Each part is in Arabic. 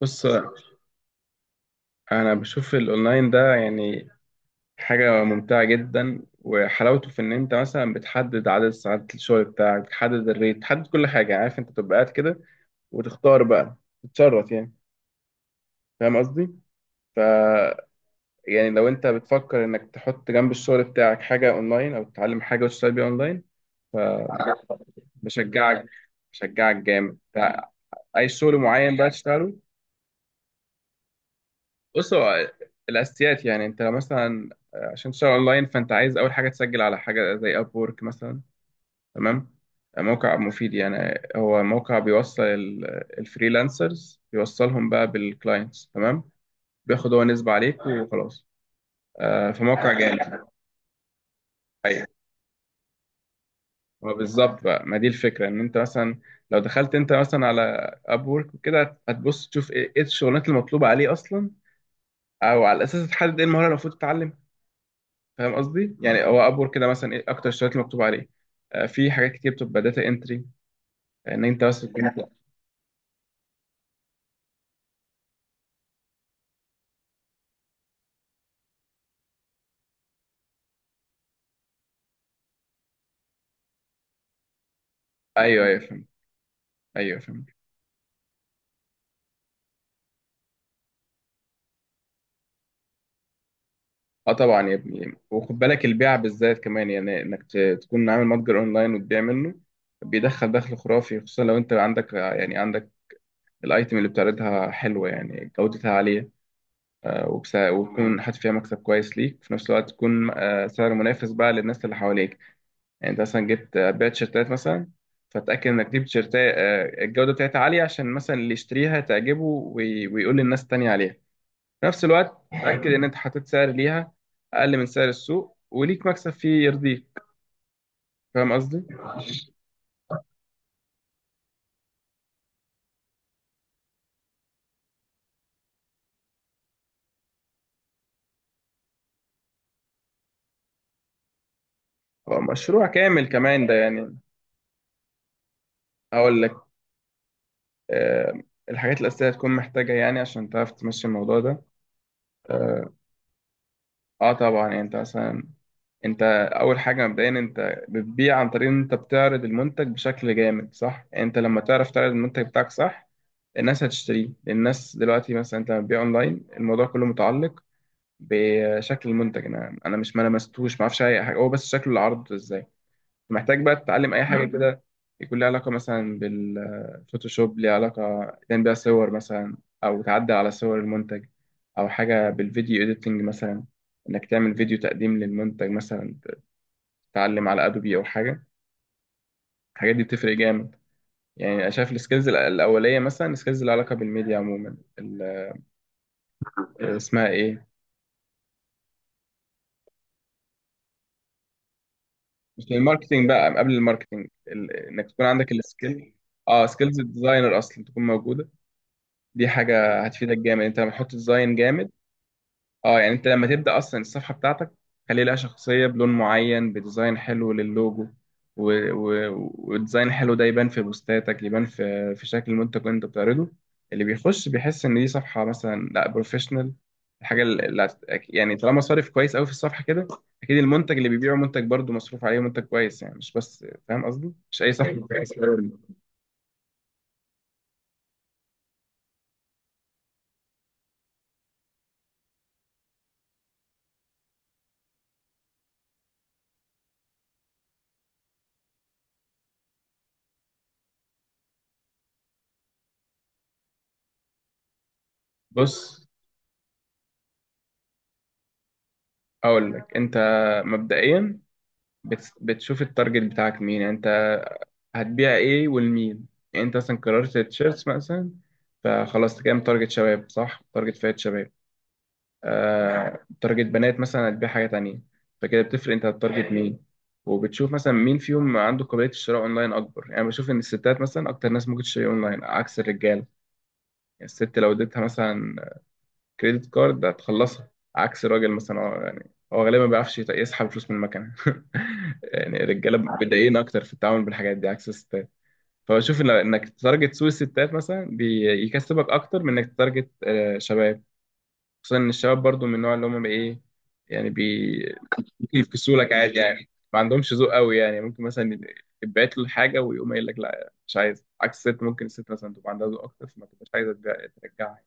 بص. انا بشوف الاونلاين ده، يعني حاجه ممتعه جدا، وحلاوته في ان انت مثلا بتحدد عدد ساعات الشغل بتاعك، بتحدد الريت، بتحدد كل حاجه، يعني عارف، انت تبقى قاعد كده وتختار بقى، تتشرط يعني، فاهم قصدي؟ ف يعني لو انت بتفكر انك تحط جنب الشغل بتاعك حاجه اونلاين او تتعلم حاجه وتشتغل بيها اونلاين، فبشجعك جامد. اي شغل معين بقى تشتغله. بص، هو الاساسيات يعني، انت لو مثلا عشان تشتغل اونلاين فانت عايز اول حاجه تسجل على حاجه زي اب وورك مثلا. تمام؟ موقع مفيد، يعني هو موقع بيوصل الفريلانسرز، بيوصلهم بقى بالكلاينتس. تمام. بياخد هو نسبه عليك وخلاص. فموقع جامد. ايوه، هو بالظبط بقى، ما دي الفكره، ان انت مثلا لو دخلت انت مثلا على اب وورك وكده، هتبص تشوف إيه الشغلانات المطلوبه عليه اصلا، او على اساس تحدد ايه المهاره اللي المفروض تتعلم. فاهم قصدي؟ يعني هو ابور كده، مثلا ايه اكتر الشغلات اللي مكتوب عليه. في حاجات كتير بتبقى داتا انتري، ان انت بس تكون... ايوه ايوه فهمت. ايوه فهمت. اه طبعا يا ابني، وخد بالك البيع بالذات كمان، يعني انك تكون عامل متجر اونلاين وتبيع منه. بيدخل دخل خرافي، خصوصا لو انت عندك، يعني عندك الايتم اللي بتعرضها حلوه، يعني جودتها عاليه، وتكون حاطط فيها مكسب كويس ليك، في نفس الوقت تكون سعر منافس بقى للناس اللي حواليك. يعني انت مثلا جبت بيع تيشيرتات مثلا، فتأكد انك تجيب تيشيرتات الجودة بتاعتها عالية، عشان مثلا اللي يشتريها تعجبه ويقول للناس التانية عليها. في نفس الوقت تأكد ان انت حطيت سعر ليها اقل من سعر السوق وليك مكسب فيه يرضيك. فاهم قصدي؟ هو مشروع كامل كمان ده، يعني هقول لك. آه، الحاجات الأساسية هتكون محتاجة، يعني عشان تعرف تمشي الموضوع ده. آه، اه طبعا، يعني انت مثلا، انت اول حاجه مبدئيا انت بتبيع عن طريق ان انت بتعرض المنتج بشكل جامد صح، يعني انت لما تعرف تعرض المنتج بتاعك صح الناس هتشتريه. الناس دلوقتي مثلا، انت لما بتبيع اونلاين الموضوع كله متعلق بشكل المنتج. انا مش، ما لمستوش، ما اعرفش اي حاجه هو، بس شكل العرض ازاي. محتاج بقى تتعلم اي حاجه كده يكون لها علاقه مثلا بالفوتوشوب، ليها علاقه تعمل بيها صور مثلا، او تعدل على صور المنتج، او حاجه بالفيديو اديتنج مثلا، انك تعمل فيديو تقديم للمنتج مثلا، تتعلم على ادوبي او حاجه. الحاجات دي بتفرق جامد. يعني انا شايف السكيلز الاوليه، مثلا السكيلز اللي علاقه بالميديا عموما، اسمها ايه، مش الماركتينج بقى، قبل الماركتينج انك تكون عندك السكيل. اه سكيلز الديزاينر اصلا تكون موجوده. دي حاجه هتفيدك جامد انت لما تحط ديزاين جامد. اه يعني انت لما تبدأ اصلا الصفحة بتاعتك، خلي لها شخصية بلون معين، بديزاين حلو للوجو، و... و... وديزاين حلو، ده يبان في بوستاتك، يبان في شكل المنتج اللي انت بتعرضه. اللي بيخش بيحس ان دي صفحة مثلا لا بروفيشنال. الحاجة اللي هت- يعني طالما صارف كويس قوي في الصفحة كده، اكيد المنتج اللي بيبيعه منتج برضه مصروف عليه، منتج كويس. يعني مش بس، فاهم قصدي؟ مش اي صفحة كويس. بص، اقول لك انت مبدئيا بتشوف التارجت بتاعك مين، يعني انت هتبيع ايه ولمين. يعني انت مثلا قررت التيشيرتس مثلا، فخلاص كام تارجت؟ شباب، صح؟ تارجت فئة شباب، آه تارجت بنات مثلا هتبيع حاجة تانية. فكده بتفرق انت هتارجت مين. وبتشوف مثلا مين فيهم عنده قابلية الشراء اونلاين اكبر، يعني بشوف ان الستات مثلا اكتر ناس ممكن تشتري اونلاين عكس الرجال. يعني الست لو اديتها مثلا كريدت كارد هتخلصها، عكس الراجل مثلا، هو يعني هو غالبا ما بيعرفش يسحب فلوس من المكنة يعني الرجالة متضايقين اكتر في التعامل بالحاجات دي عكس الستات. فبشوف انك تتارجت سوق الستات مثلا بيكسبك اكتر من انك تتارجت شباب. خصوصا ان الشباب برضو من النوع اللي هم ايه، يعني ممكن يفكسوا لك عادي، يعني ما عندهمش ذوق قوي. يعني ممكن مثلا يتبعت له حاجه ويقوم قايل لك لا مش عايز. عكس الست، ممكن الست مثلا تبقى عندها ذوق اكتر فما تبقاش عايزه ترجعها.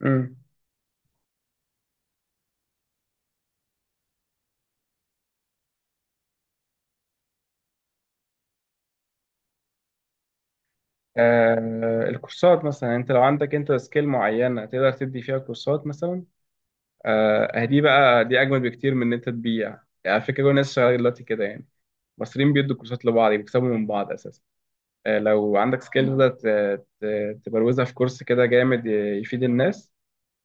امم. آه الكورسات مثلا، انت لو عندك انت سكيل معينه تقدر تدي فيها كورسات مثلا. آه دي اجمل بكتير من ان انت تبيع، يعني على فكره كل الناس شغاله دلوقتي كده. يعني المصريين بيدوا كورسات لبعض، بيكسبوا من بعض اساسا. لو عندك سكيل تقدر تبروزها في كورس كده جامد، يفيد الناس.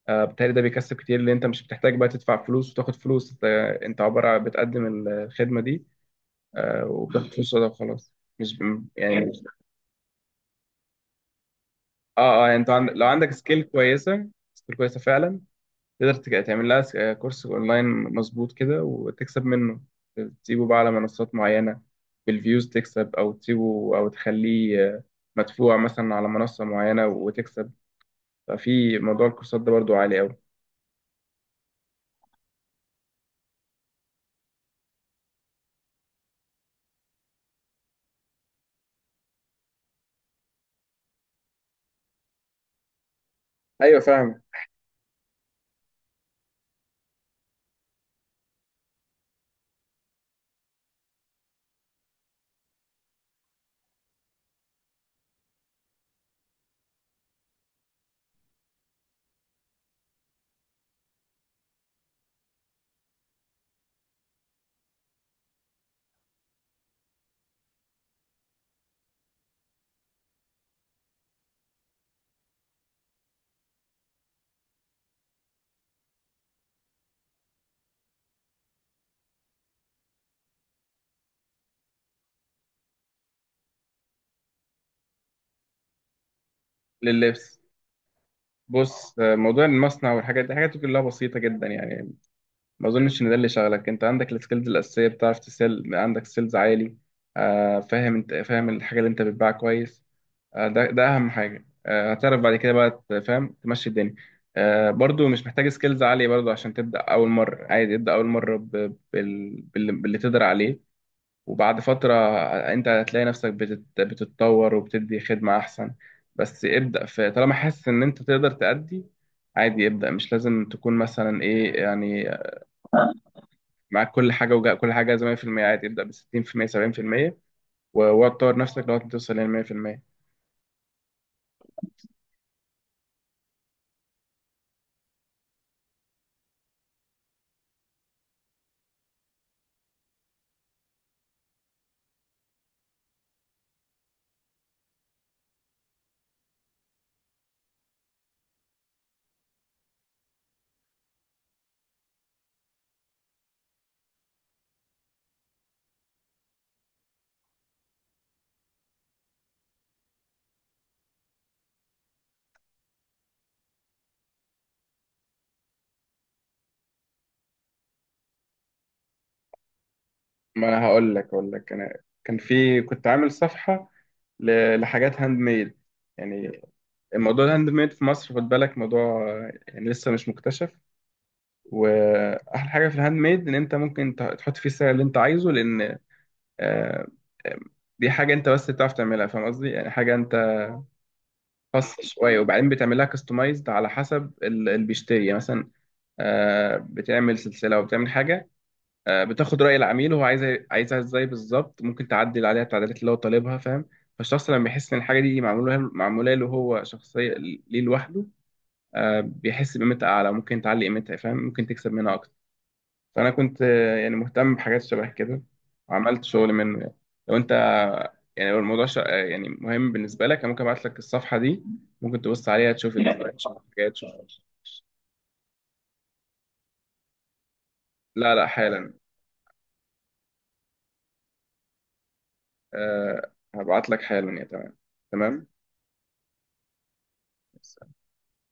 بالتالي ده بيكسب كتير، لان انت مش بتحتاج بقى تدفع فلوس وتاخد فلوس. انت انت عباره عن بتقدم الخدمه دي وبتاخد فلوس وده وخلاص. مش يعني مش... اه اه يعني انت لو عندك سكيل كويسه، سكيل كويسه فعلا، تقدر تعمل لها كورس اونلاين، مظبوط كده وتكسب منه. تسيبه بقى على منصات معينة بالفيوز تكسب، او تسيبه او تخليه مدفوع مثلا على منصة معينة وتكسب. ففي موضوع الكورسات ده برضو عالي قوي. ايوه فاهم. لللبس. بص موضوع المصنع والحاجات دي حاجات كلها بسيطة جدا. يعني ما اظنش ان ده اللي شغلك، انت عندك السكيلز الأساسية، بتعرف تسيل، عندك سيلز عالي. فاهم، انت فاهم الحاجة اللي انت بتبيعها كويس. ده اهم حاجه. هتعرف بعد كده بقى تفهم تمشي الدنيا. برضو مش محتاج سكيلز عاليه برضو، عشان تبدا اول مره عادي. ابدا اول مره باللي تقدر عليه، وبعد فتره انت هتلاقي نفسك بتتطور وبتدي خدمه احسن. بس ابدا في طالما حاسس ان انت تقدر تأدي. عادي ابدا، مش لازم تكون مثلا ايه يعني معاك كل حاجه، وكل حاجه زي 100%. عادي ابدا ب 60% 70%، وتطور نفسك لغايه ما توصل لل 100%. ما انا هقول لك، اقول لك انا كان كنت عامل صفحه لحاجات هاند ميد يعني. الموضوع الهاند ميد في مصر، خد بالك، موضوع يعني لسه مش مكتشف. واحلى حاجه في الهاند ميد ان انت ممكن تحط فيه السعر اللي انت عايزه، لان آه، دي حاجه انت بس بتعرف تعملها. فاهم قصدي؟ يعني حاجه انت خاصه شويه، وبعدين بتعملها كاستمايزد على حسب اللي بيشتري. يعني مثلا بتعمل سلسله وبتعمل حاجه. بتاخد رأي العميل، وهو عايزها ازاي بالظبط، ممكن تعدل عليها التعديلات اللي هو طالبها، فاهم؟ فالشخص لما يحس ان الحاجة دي معمولة له هو شخصية ليه لوحده، بيحس بقيمتها أعلى، ممكن تعلي قيمتها فاهم، ممكن تكسب منها أكتر. فأنا كنت يعني مهتم بحاجات شبه كده، وعملت شغل منه يعني. لو أنت يعني لو الموضوع ش... آه، يعني مهم بالنسبة لك، أنا ممكن أبعت لك الصفحة دي، ممكن تبص عليها تشوف الديزاين، تشوف الحاجات، تشوف لا لا حالا. أه هبعت لك حالا. يا تمام، تمام.